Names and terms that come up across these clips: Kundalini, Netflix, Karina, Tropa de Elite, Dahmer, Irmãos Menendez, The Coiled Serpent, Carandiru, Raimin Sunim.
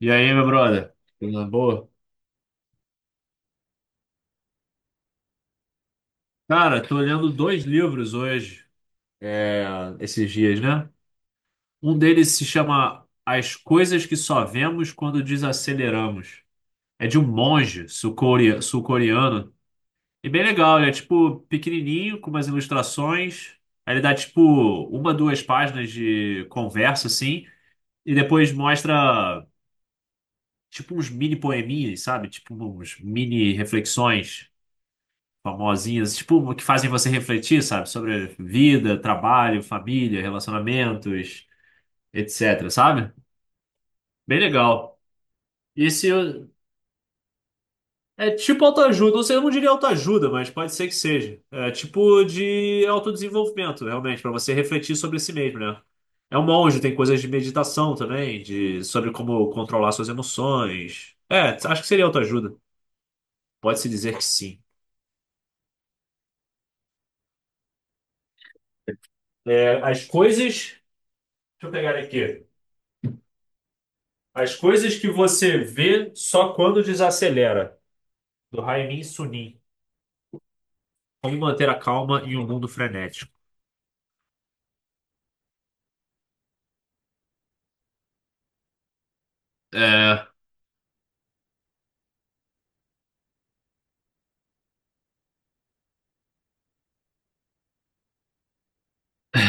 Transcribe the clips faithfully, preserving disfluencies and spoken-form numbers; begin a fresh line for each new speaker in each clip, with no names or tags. E aí, meu brother? Tudo na boa? Cara, tô lendo dois livros hoje, é, esses dias, né? Um deles se chama As Coisas que Só Vemos Quando Desaceleramos. É de um monge sul-core- sul-coreano. E bem legal, ele é tipo pequenininho, com umas ilustrações. Aí ele dá tipo uma, duas páginas de conversa, assim. E depois mostra tipo uns mini poeminhas, sabe? Tipo uns mini reflexões famosinhas, tipo, que fazem você refletir, sabe? Sobre vida, trabalho, família, relacionamentos, etc, sabe? Bem legal. E se eu- É tipo autoajuda, ou seja, eu não diria autoajuda, mas pode ser que seja. É tipo de autodesenvolvimento, realmente, para você refletir sobre si mesmo, né? É um monge, tem coisas de meditação também, de sobre como controlar suas emoções. É, acho que seria autoajuda. Pode-se dizer que sim. É, as coisas. Deixa eu pegar aqui. As coisas que você vê só quando desacelera, do Raimin Sunim. Como manter a calma em um mundo frenético. É,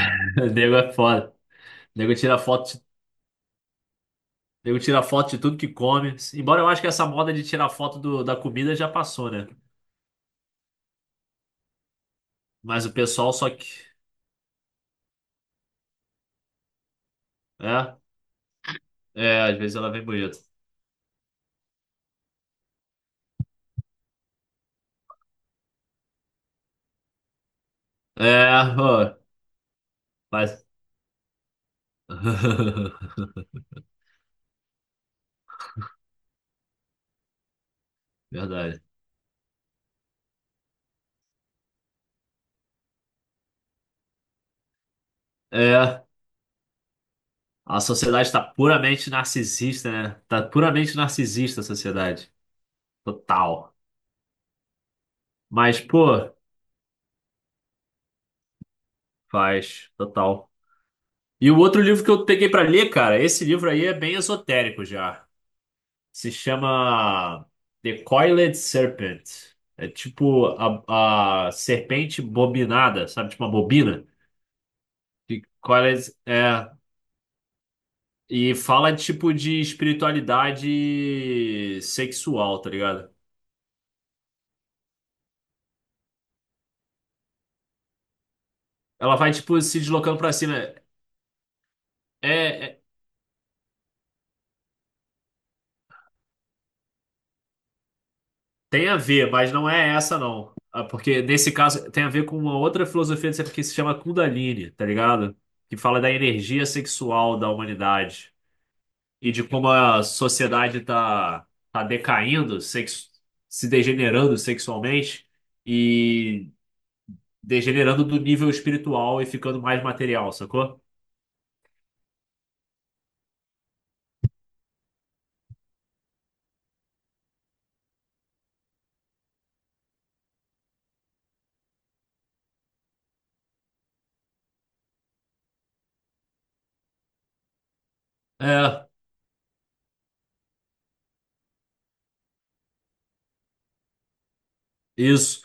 o nego é foda. O nego tira foto, de- nego tira foto de tudo que come. Embora eu acho que essa moda de tirar foto do- da comida já passou, né? Mas o pessoal só que. É, é, às vezes ela vem bonita. É, ó, mas. Verdade. É, a sociedade tá puramente narcisista, né? Tá puramente narcisista a sociedade. Total. Mas, pô, faz, total. E o outro livro que eu peguei pra ler, cara, esse livro aí é bem esotérico já. Se chama The Coiled Serpent. É tipo a, a serpente bobinada, sabe? Tipo uma bobina. E Coiled é. E fala tipo de espiritualidade sexual, tá ligado? Ela vai tipo se deslocando pra cima. É, é, Tem a ver, mas não é essa, não. Ah, porque nesse caso tem a ver com uma outra filosofia que se chama Kundalini, tá ligado? Que fala da energia sexual da humanidade e de como a sociedade tá, tá decaindo, sexu- se degenerando sexualmente e degenerando do nível espiritual e ficando mais material, sacou? É, isso.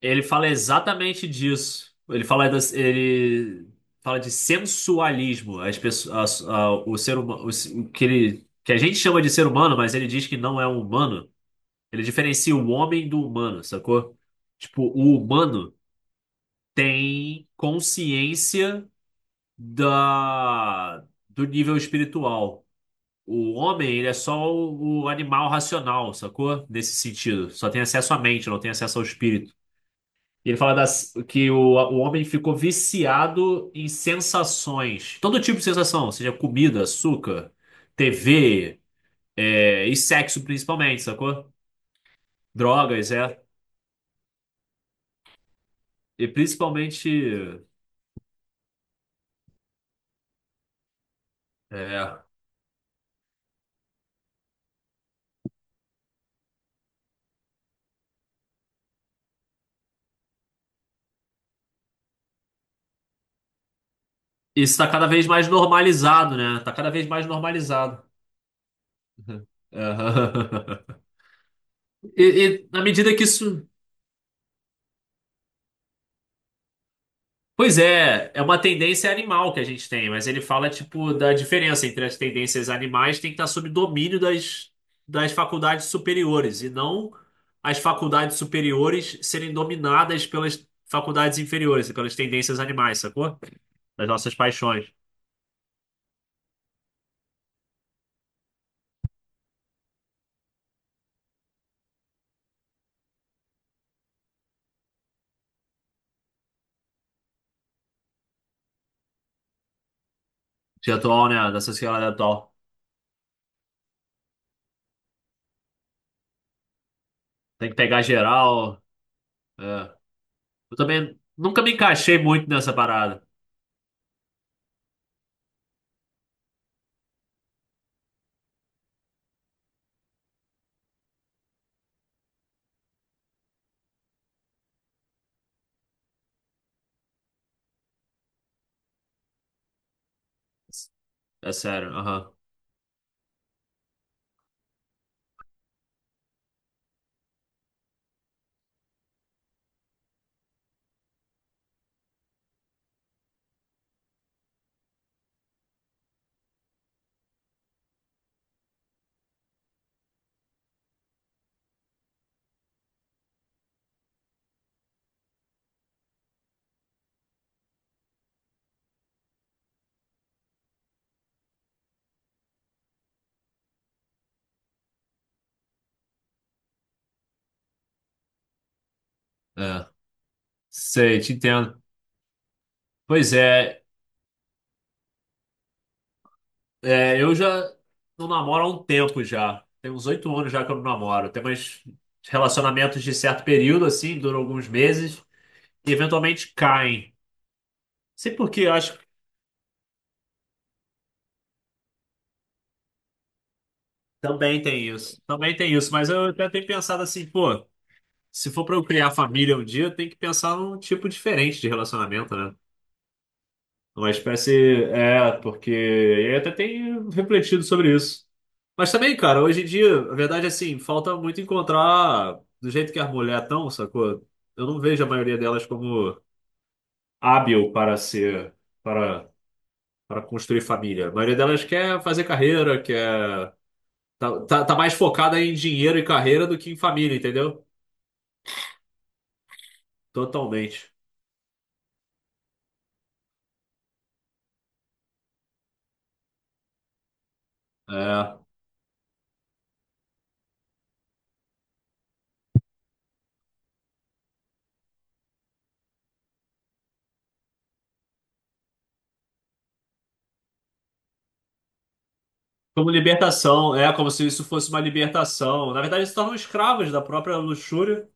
Ele fala exatamente disso. Ele fala das, ele fala de sensualismo. As pessoas, a- a- o ser humano, o, se- o que ele, que a gente chama de ser humano, mas ele diz que não é um humano. Ele diferencia o homem do humano, sacou? Tipo, o humano tem consciência da, do nível espiritual. O homem, ele é só o, o animal racional, sacou? Nesse sentido. Só tem acesso à mente, não tem acesso ao espírito. E ele fala das, que o, o homem ficou viciado em sensações. Todo tipo de sensação, seja comida, açúcar, T V, é, e sexo principalmente, sacou? Drogas, é. E principalmente. é, isso tá cada vez mais normalizado, né? Tá cada vez mais normalizado. E, e na medida que isso. Pois é, é uma tendência animal que a gente tem, mas ele fala, tipo, da diferença entre as tendências animais tem que estar sob domínio das, das faculdades superiores, e não as faculdades superiores serem dominadas pelas faculdades inferiores e pelas tendências animais, sacou? Das nossas paixões. De atual, né? Da sociedade atual. Tem que pegar geral. É. Eu também nunca me encaixei muito nessa parada. É sério, aham. É. Sei, te entendo. Pois é. É, eu já não namoro há um tempo já. Tem uns oito anos já que eu não namoro. Tem mais relacionamentos de certo período, assim, duram alguns meses e eventualmente caem. Sei por quê, eu acho que também tem isso. Também tem isso, mas eu até tenho pensado assim, pô, se for pra eu criar família um dia, eu tenho que pensar num tipo diferente de relacionamento, né? É uma espécie. É, porque eu até tenho refletido sobre isso. Mas também, cara, hoje em dia, a verdade é assim, falta muito encontrar do jeito que as mulheres estão, sacou? Eu não vejo a maioria delas como hábil para ser, para, para construir família. A maioria delas quer fazer carreira, quer. Tá, tá, tá mais focada em dinheiro e carreira do que em família, entendeu? Totalmente. É. Como libertação, é como se isso fosse uma libertação. Na verdade, eles se tornam escravos da própria luxúria.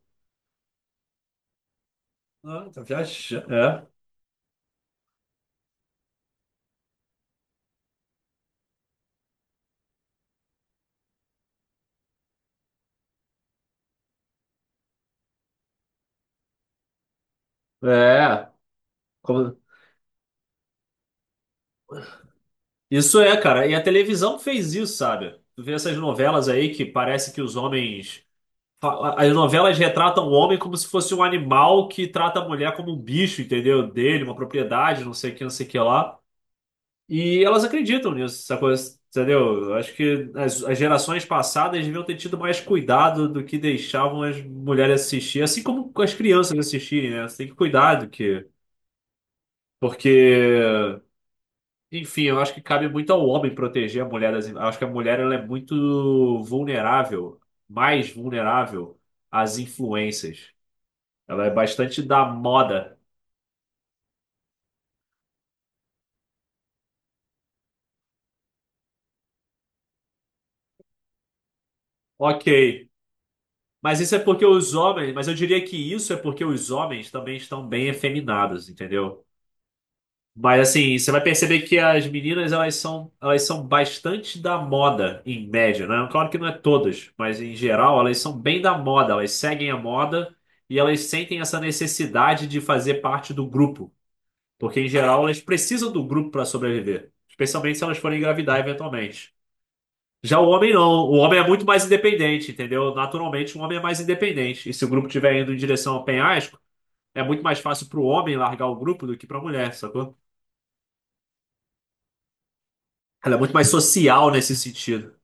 Ah, tá viajando. É, é. Como- Isso é, cara. E a televisão fez isso, sabe? Tu vê essas novelas aí que parece que os homens. Fa- As novelas retratam o homem como se fosse um animal que trata a mulher como um bicho, entendeu? Dele, uma propriedade, não sei o que, não sei o que lá. E elas acreditam nisso, essa coisa, entendeu? Eu acho que as, as gerações passadas deviam ter tido mais cuidado do que deixavam as mulheres assistir, assim como as crianças assistirem, né? Você tem que cuidar do que. Porque. Enfim, eu acho que cabe muito ao homem proteger a mulher das. Eu acho que a mulher ela é muito vulnerável, mais vulnerável às influências. Ela é bastante da moda. Ok. Mas isso é porque os homens. Mas eu diria que isso é porque os homens também estão bem efeminados, entendeu? Mas assim, você vai perceber que as meninas elas são, elas são bastante da moda, em média, né? Claro que não é todas, mas em geral elas são bem da moda, elas seguem a moda e elas sentem essa necessidade de fazer parte do grupo, porque em geral elas precisam do grupo para sobreviver, especialmente se elas forem engravidar eventualmente. Já o homem não, o homem é muito mais independente, entendeu? Naturalmente, o homem é mais independente. E se o grupo estiver indo em direção ao penhasco, é muito mais fácil para o homem largar o grupo do que para a mulher, sacou? Ela é muito mais social nesse sentido.